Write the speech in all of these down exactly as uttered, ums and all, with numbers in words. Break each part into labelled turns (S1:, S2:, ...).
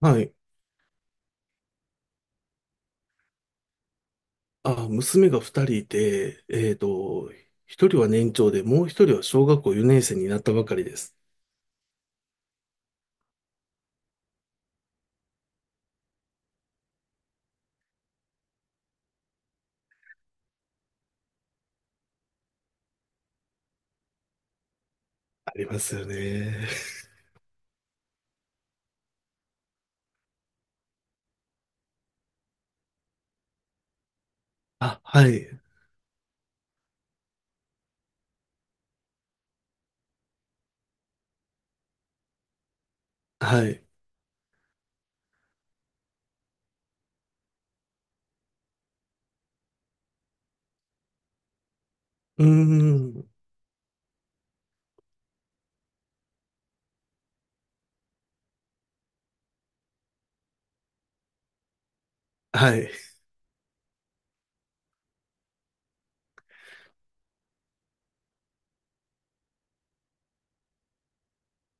S1: はい。あ、娘が二人いて、えっと、一人は年長で、もう一人は小学校よねん生になったばかりです。ありますよね。あ、はい。はい。うーん。はい。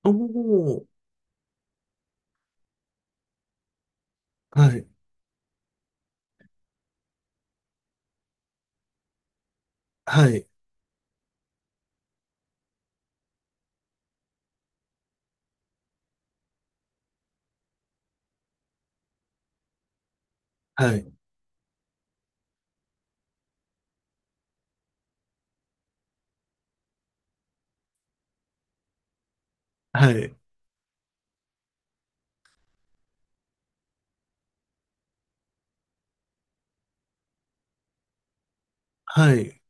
S1: おー。はい。はい。はい。はい。はい。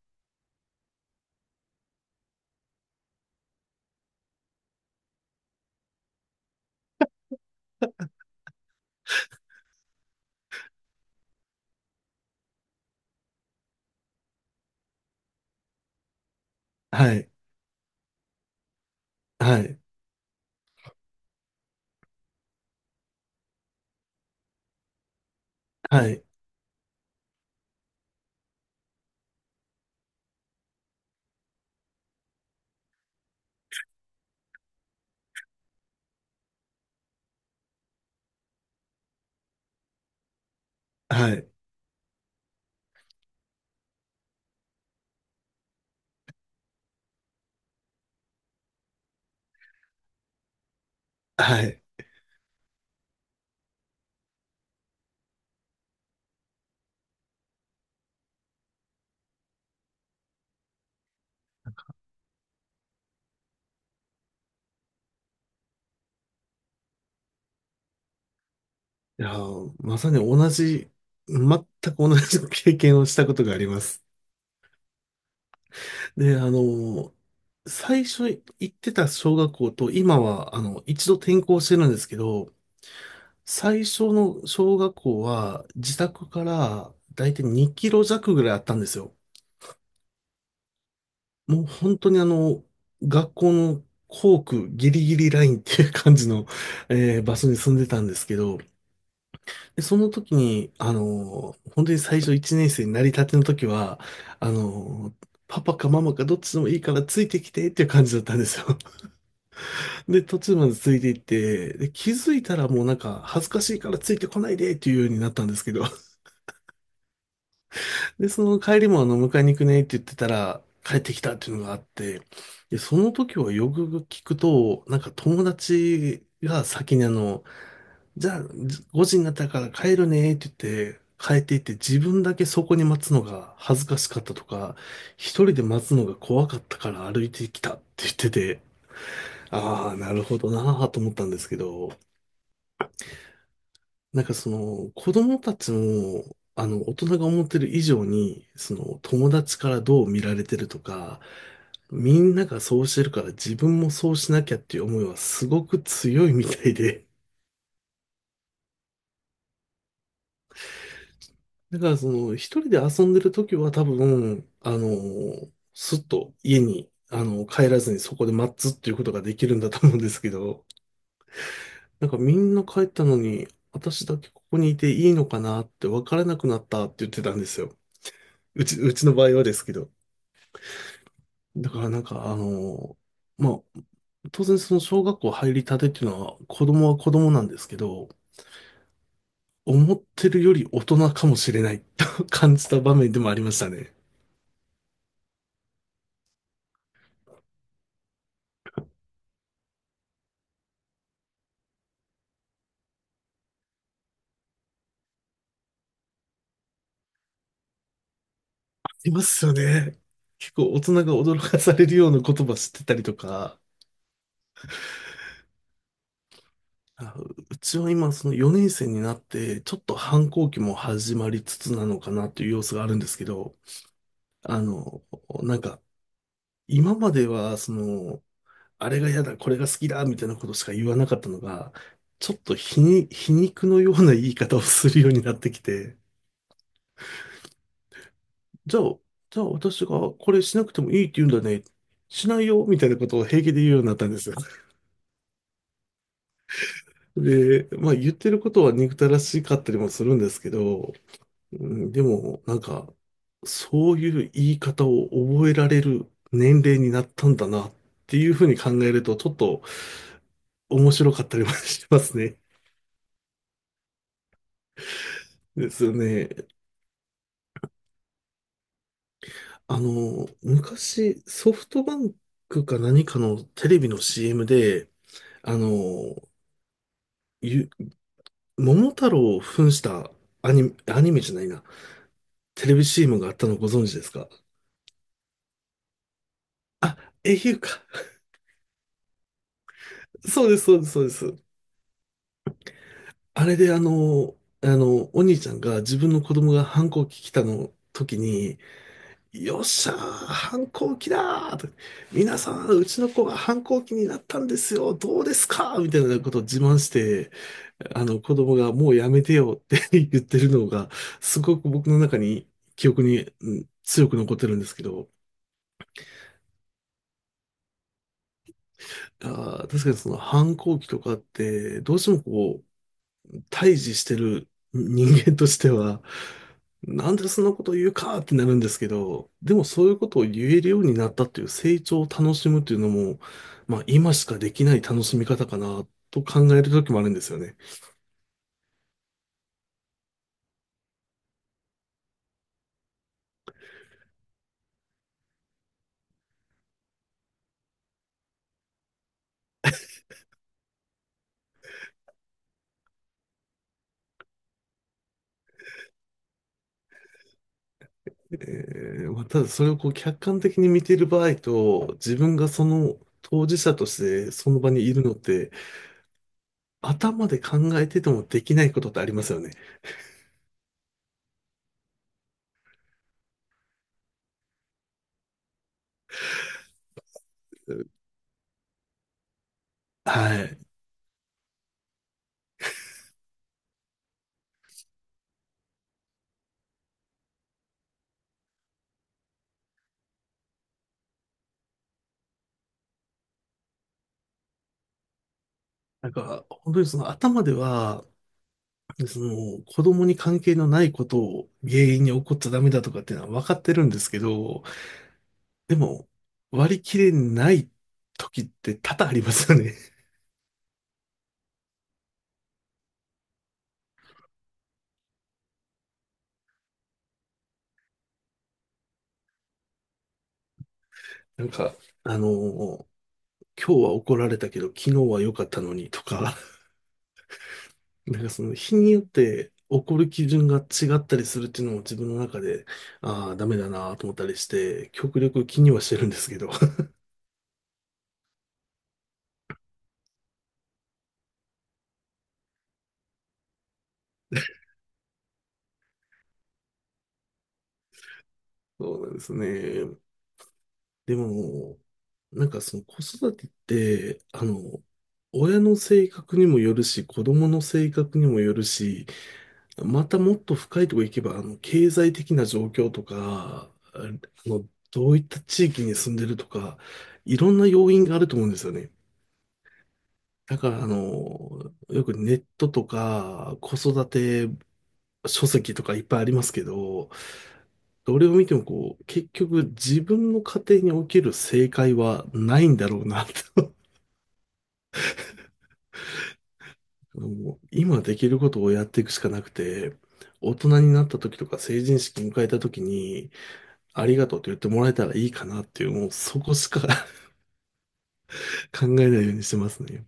S1: はい。はい。はい。はい。はい。いやー、まさに同じ、全く同じ経験をしたことがあります。で、あの、最初行ってた小学校と今は、あの、一度転校してるんですけど、最初の小学校は自宅からだいたいにキロ弱ぐらいあったんですよ。もう本当にあの、学校の校区ギリギリラインっていう感じの、えー場所に住んでたんですけど、でその時に、あの、本当に最初いちねん生になりたての時は、あの、パパかママかどっちでもいいからついてきてっていう感じだったんですよ。で、途中までついていって、で、気づいたらもうなんか恥ずかしいからついてこないでっていうようになったんですけど、で、その帰りもあの、迎えに行くねって言ってたら、帰ってきたっていうのがあって、で、その時はよく聞くと、なんか友達が先にあの、じゃあごじになったから帰るねって言って、帰っていって自分だけそこに待つのが恥ずかしかったとか、一人で待つのが怖かったから歩いてきたって言ってて、ああ、なるほどなぁと思ったんですけど、なんかその子供たちも、あの、大人が思ってる以上に、その友達からどう見られてるとか、みんながそうしてるから自分もそうしなきゃっていう思いはすごく強いみたいで。だからその一人で遊んでる時は多分、あの、すっと家に、あの、帰らずにそこで待つっていうことができるんだと思うんですけど、なんかみんな帰ったのに、私だけここにいていいのかなって分からなくなったって言ってたんですよ。うち、うちの場合はですけど。だからなんか、あの、まあ、当然その小学校入りたてっていうのは、子供は子供なんですけど、思ってるより大人かもしれないと 感じた場面でもありましたね。いますよね。結構大人が驚かされるような言葉知ってたりとか、あうちは今そのよねん生になって、ちょっと反抗期も始まりつつなのかなという様子があるんですけど、あの、なんか、今まではその、あれが嫌だ、これが好きだ、みたいなことしか言わなかったのが、ちょっと皮に、皮肉のような言い方をするようになってきて、じゃあ、じゃあ私がこれしなくてもいいって言うんだね。しないよ、みたいなことを平気で言うようになったんですよ。で、まあ言ってることは憎たらしかったりもするんですけど、うん、でもなんか、そういう言い方を覚えられる年齢になったんだなっていうふうに考えると、ちょっと面白かったりもしますね。ですよね。あの、昔、ソフトバンクか何かのテレビの シーエム で、あの、ゆ、桃太郎を扮したアニメ、アニメじゃないな、テレビ シーエム があったのご存知ですか？あ、au か。そうです、そうです、そうです。あれであの、あの、お兄ちゃんが自分の子供が反抗期来たの時に、よっしゃー、反抗期だーと。皆さん、うちの子が反抗期になったんですよ。どうですかみたいなことを自慢して、あの子供がもうやめてよって 言ってるのが、すごく僕の中に記憶に、うん強く残ってるんですけど、あー確かにその反抗期とかって、どうしてもこう、対峙してる人間としては、なんでそんなこと言うかってなるんですけど、でもそういうことを言えるようになったっていう成長を楽しむっていうのも、まあ今しかできない楽しみ方かなと考える時もあるんですよね。えーまあ、ただそれをこう客観的に見ている場合と、自分がその当事者としてその場にいるのって、頭で考えててもできないことってありますよね。はい。なんか、本当にその頭ではで、その、子供に関係のないことを原因に起こっちゃダメだとかっていうのは分かってるんですけど、でも、割り切れない時って多々ありますよね。なんか、あの、今日は怒られたけど、昨日は良かったのにとか、なんかその日によって怒る基準が違ったりするっていうのも自分の中で、ああ、ダメだなと思ったりして、極力気にはしてるんですけど。そうなんですね。でも、なんかその子育てって、あの、親の性格にもよるし、子供の性格にもよるし、またもっと深いところ行けば、あの、経済的な状況とか、あの、どういった地域に住んでるとか、いろんな要因があると思うんですよね。だから、あの、よくネットとか、子育て書籍とかいっぱいありますけど、どれを見てもこう、結局自分の家庭における正解はないんだろうなともう今できることをやっていくしかなくて、大人になった時とか成人式迎えた時に、ありがとうと言ってもらえたらいいかなっていう、もうそこしか 考えないようにしてますね。